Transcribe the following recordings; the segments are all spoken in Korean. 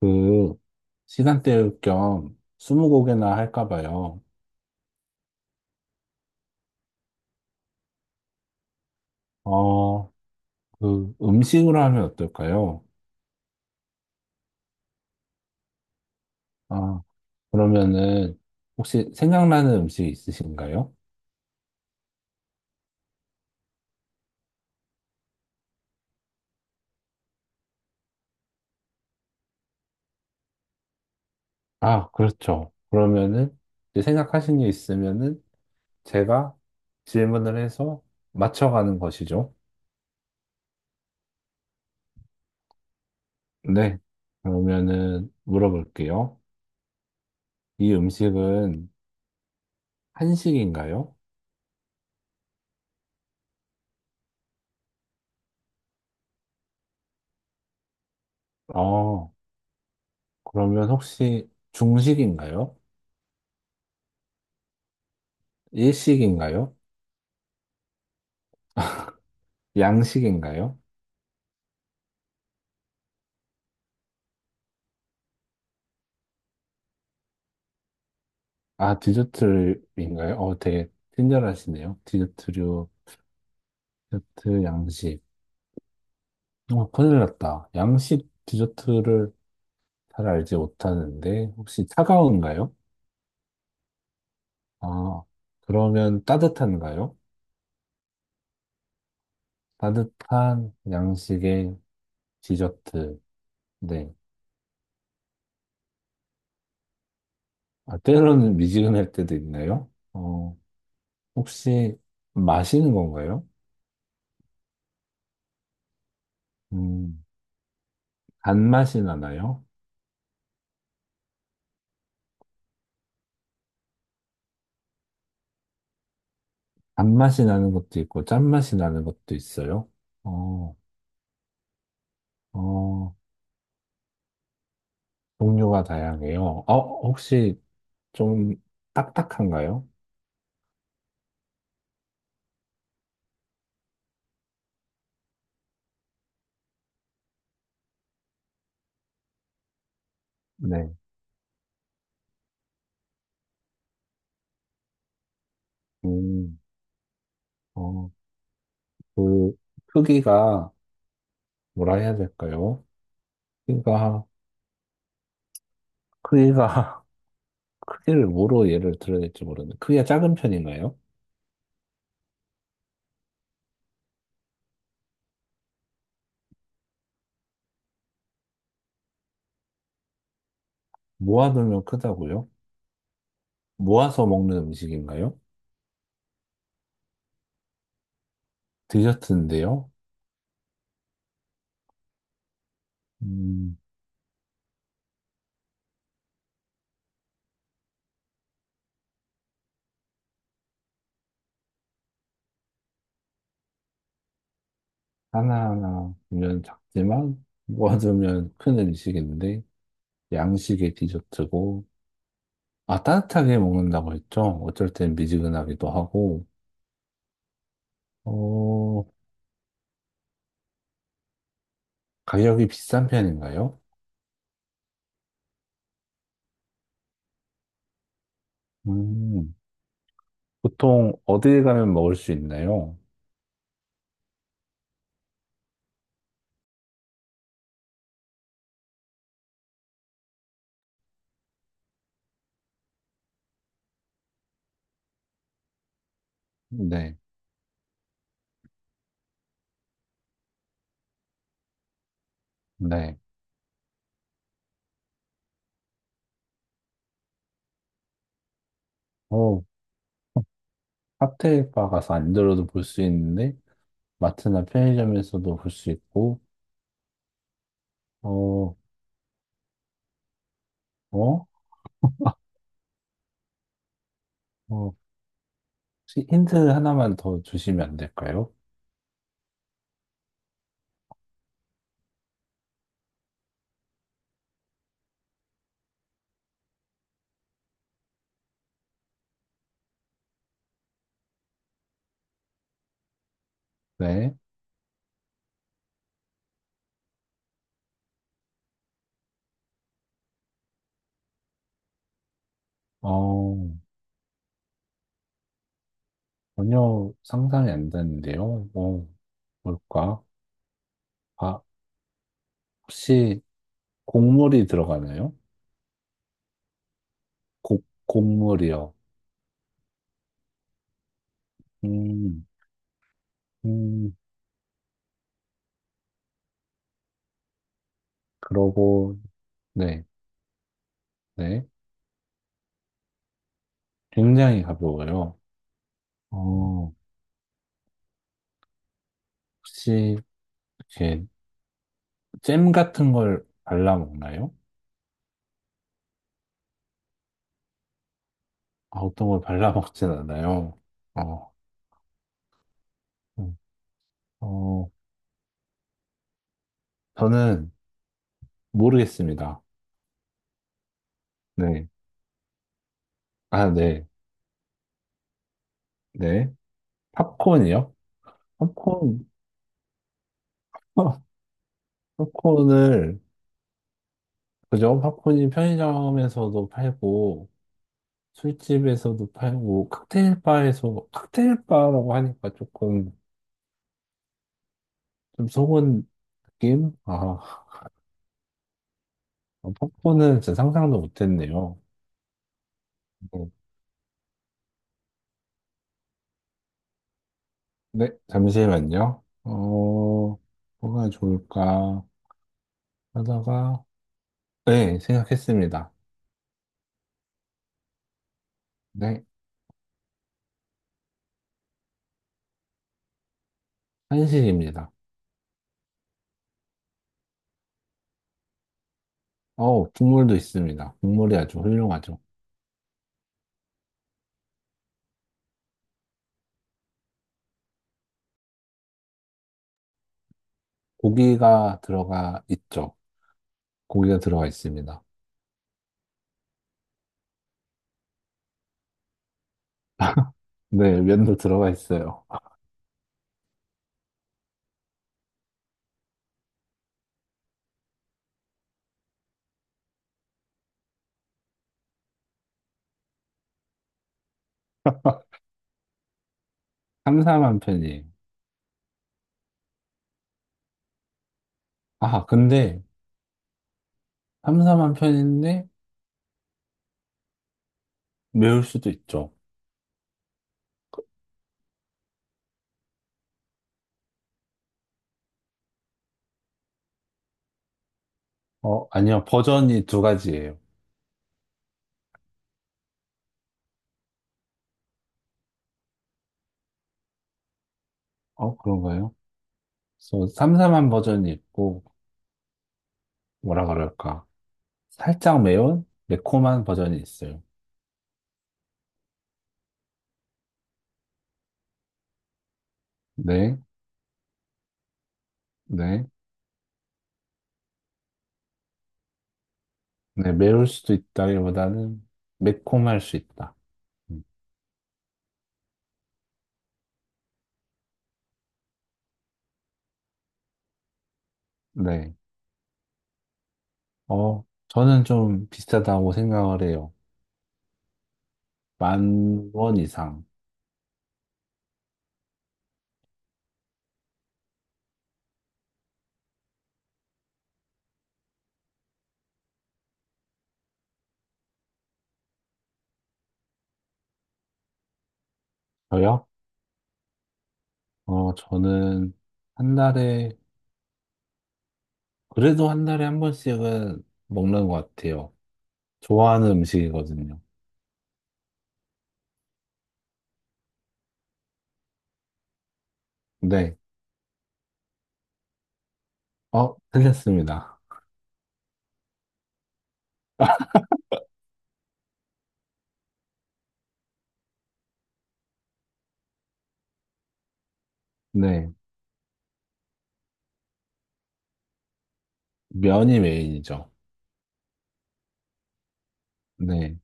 그 시간 때울 겸 스무고개나 할까 봐요. 어, 음식으로 하면 어떨까요? 아, 그러면은 혹시 생각나는 음식 있으신가요? 아, 그렇죠. 그러면은 이제 생각하신 게 있으면은 제가 질문을 해서 맞춰가는 것이죠. 네. 그러면은 물어볼게요. 이 음식은 한식인가요? 어, 그러면 혹시 중식인가요? 일식인가요? 양식인가요? 아, 디저트인가요? 어, 되게 친절하시네요. 디저트류, 디저트 양식. 어, 큰일 났다. 양식 디저트를 잘 알지 못하는데, 혹시 차가운가요? 아, 그러면 따뜻한가요? 따뜻한 양식의 디저트. 네. 아, 때로는 미지근할 때도 있나요? 어, 혹시 마시는 건가요? 음, 단맛이 나나요? 단맛이 나는 것도 있고 짠맛이 나는 것도 있어요. 어, 어, 종류가 다양해요. 어, 혹시 좀 딱딱한가요? 네. 음, 어, 그 크기가 뭐라 해야 될까요? 크기가 크기가 크기를 뭐로 예를 들어야 될지 모르는데 크기가 작은 편인가요? 모아두면 크다고요? 모아서 먹는 음식인가요? 디저트인데요. 음, 하나하나 보면 작지만 모아두면 큰 음식인데 양식의 디저트고, 아, 따뜻하게 먹는다고 했죠? 어쩔 땐 미지근하기도 하고, 어, 가격이 비싼 편인가요? 음, 보통 어디에 가면 먹을 수 있나요? 네, 네. 어, 칵테일 바 가서 안 들어도 볼 수 있는데, 마트나 편의점에서도 볼 수 있고, 어, 어? 어, 혹시 힌트 하나만 더 주시면 안 될까요? 네. 어, 전혀 상상이 안 되는데요. 어, 뭘까? 바, 혹시 곡물이 들어가나요? 곡물이요. 음, 음, 그러고, 네, 네. 굉장히 가벼워요. 어, 혹시, 이렇게, 잼 같은 걸 발라 먹나요? 아, 어떤 걸 발라 먹진 않아요. 어, 음, 어, 저는 모르겠습니다. 네. 아, 네, 네. 팝콘이요? 팝콘, 팝콘을, 그죠? 팝콘이 편의점에서도 팔고, 술집에서도 팔고 칵테일 바에서 칵테일 바라고 하니까 조금 좀 속은 느낌? 아, 팝콘은 진짜 상상도 못했네요. 어, 네, 잠시만요. 어, 뭐가 좋을까 하다가 네, 생각했습니다. 네, 한식입니다. 어, 국물도 있습니다. 국물이 아주 훌륭하죠. 고기가 들어가 있죠. 고기가 들어가 있습니다. 네, 면도 들어가 있어요. 삼삼한 편이에요. 아, 근데 삼삼한 편인데 매울 수도 있죠. 어, 아니요. 버전이 두 가지예요. 어, 그런가요? 그래서 삼삼한 버전이 있고, 뭐라 그럴까. 살짝 매운? 매콤한 버전이 있어요. 네, 네. 네, 매울 수도 있다기보다는 매콤할 수 있다. 음, 네. 어, 저는 좀 비싸다고 생각을 해요. 10,000원 이상. 저요? 어, 저는 한 달에, 그래도 한 달에 한 번씩은 먹는 것 같아요. 좋아하는 음식이거든요. 네. 어, 틀렸습니다. 네. 면이 메인이죠. 네.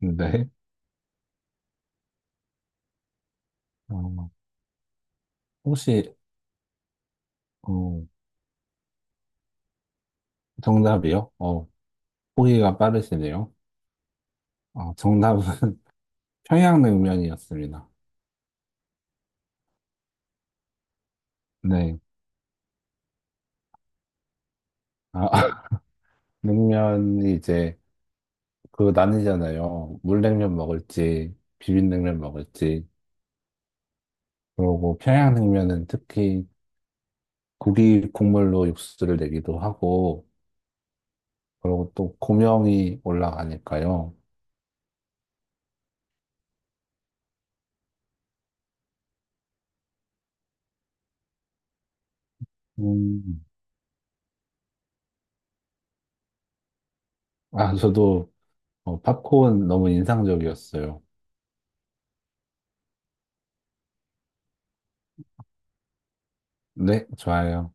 네. 어, 혹시, 어, 정답이요? 어, 보기가 빠르시네요. 어, 정답은 평양냉면이었습니다. 네. 아, 냉면이 이제 그 나뉘잖아요. 물냉면 먹을지, 비빔냉면 먹을지. 그러고 평양냉면은 특히 고기 국물로 육수를 내기도 하고, 그리고 또 고명이 올라가니까요. 음. 아, 저도 어, 팝콘 너무 인상적이었어요. 네, 좋아요.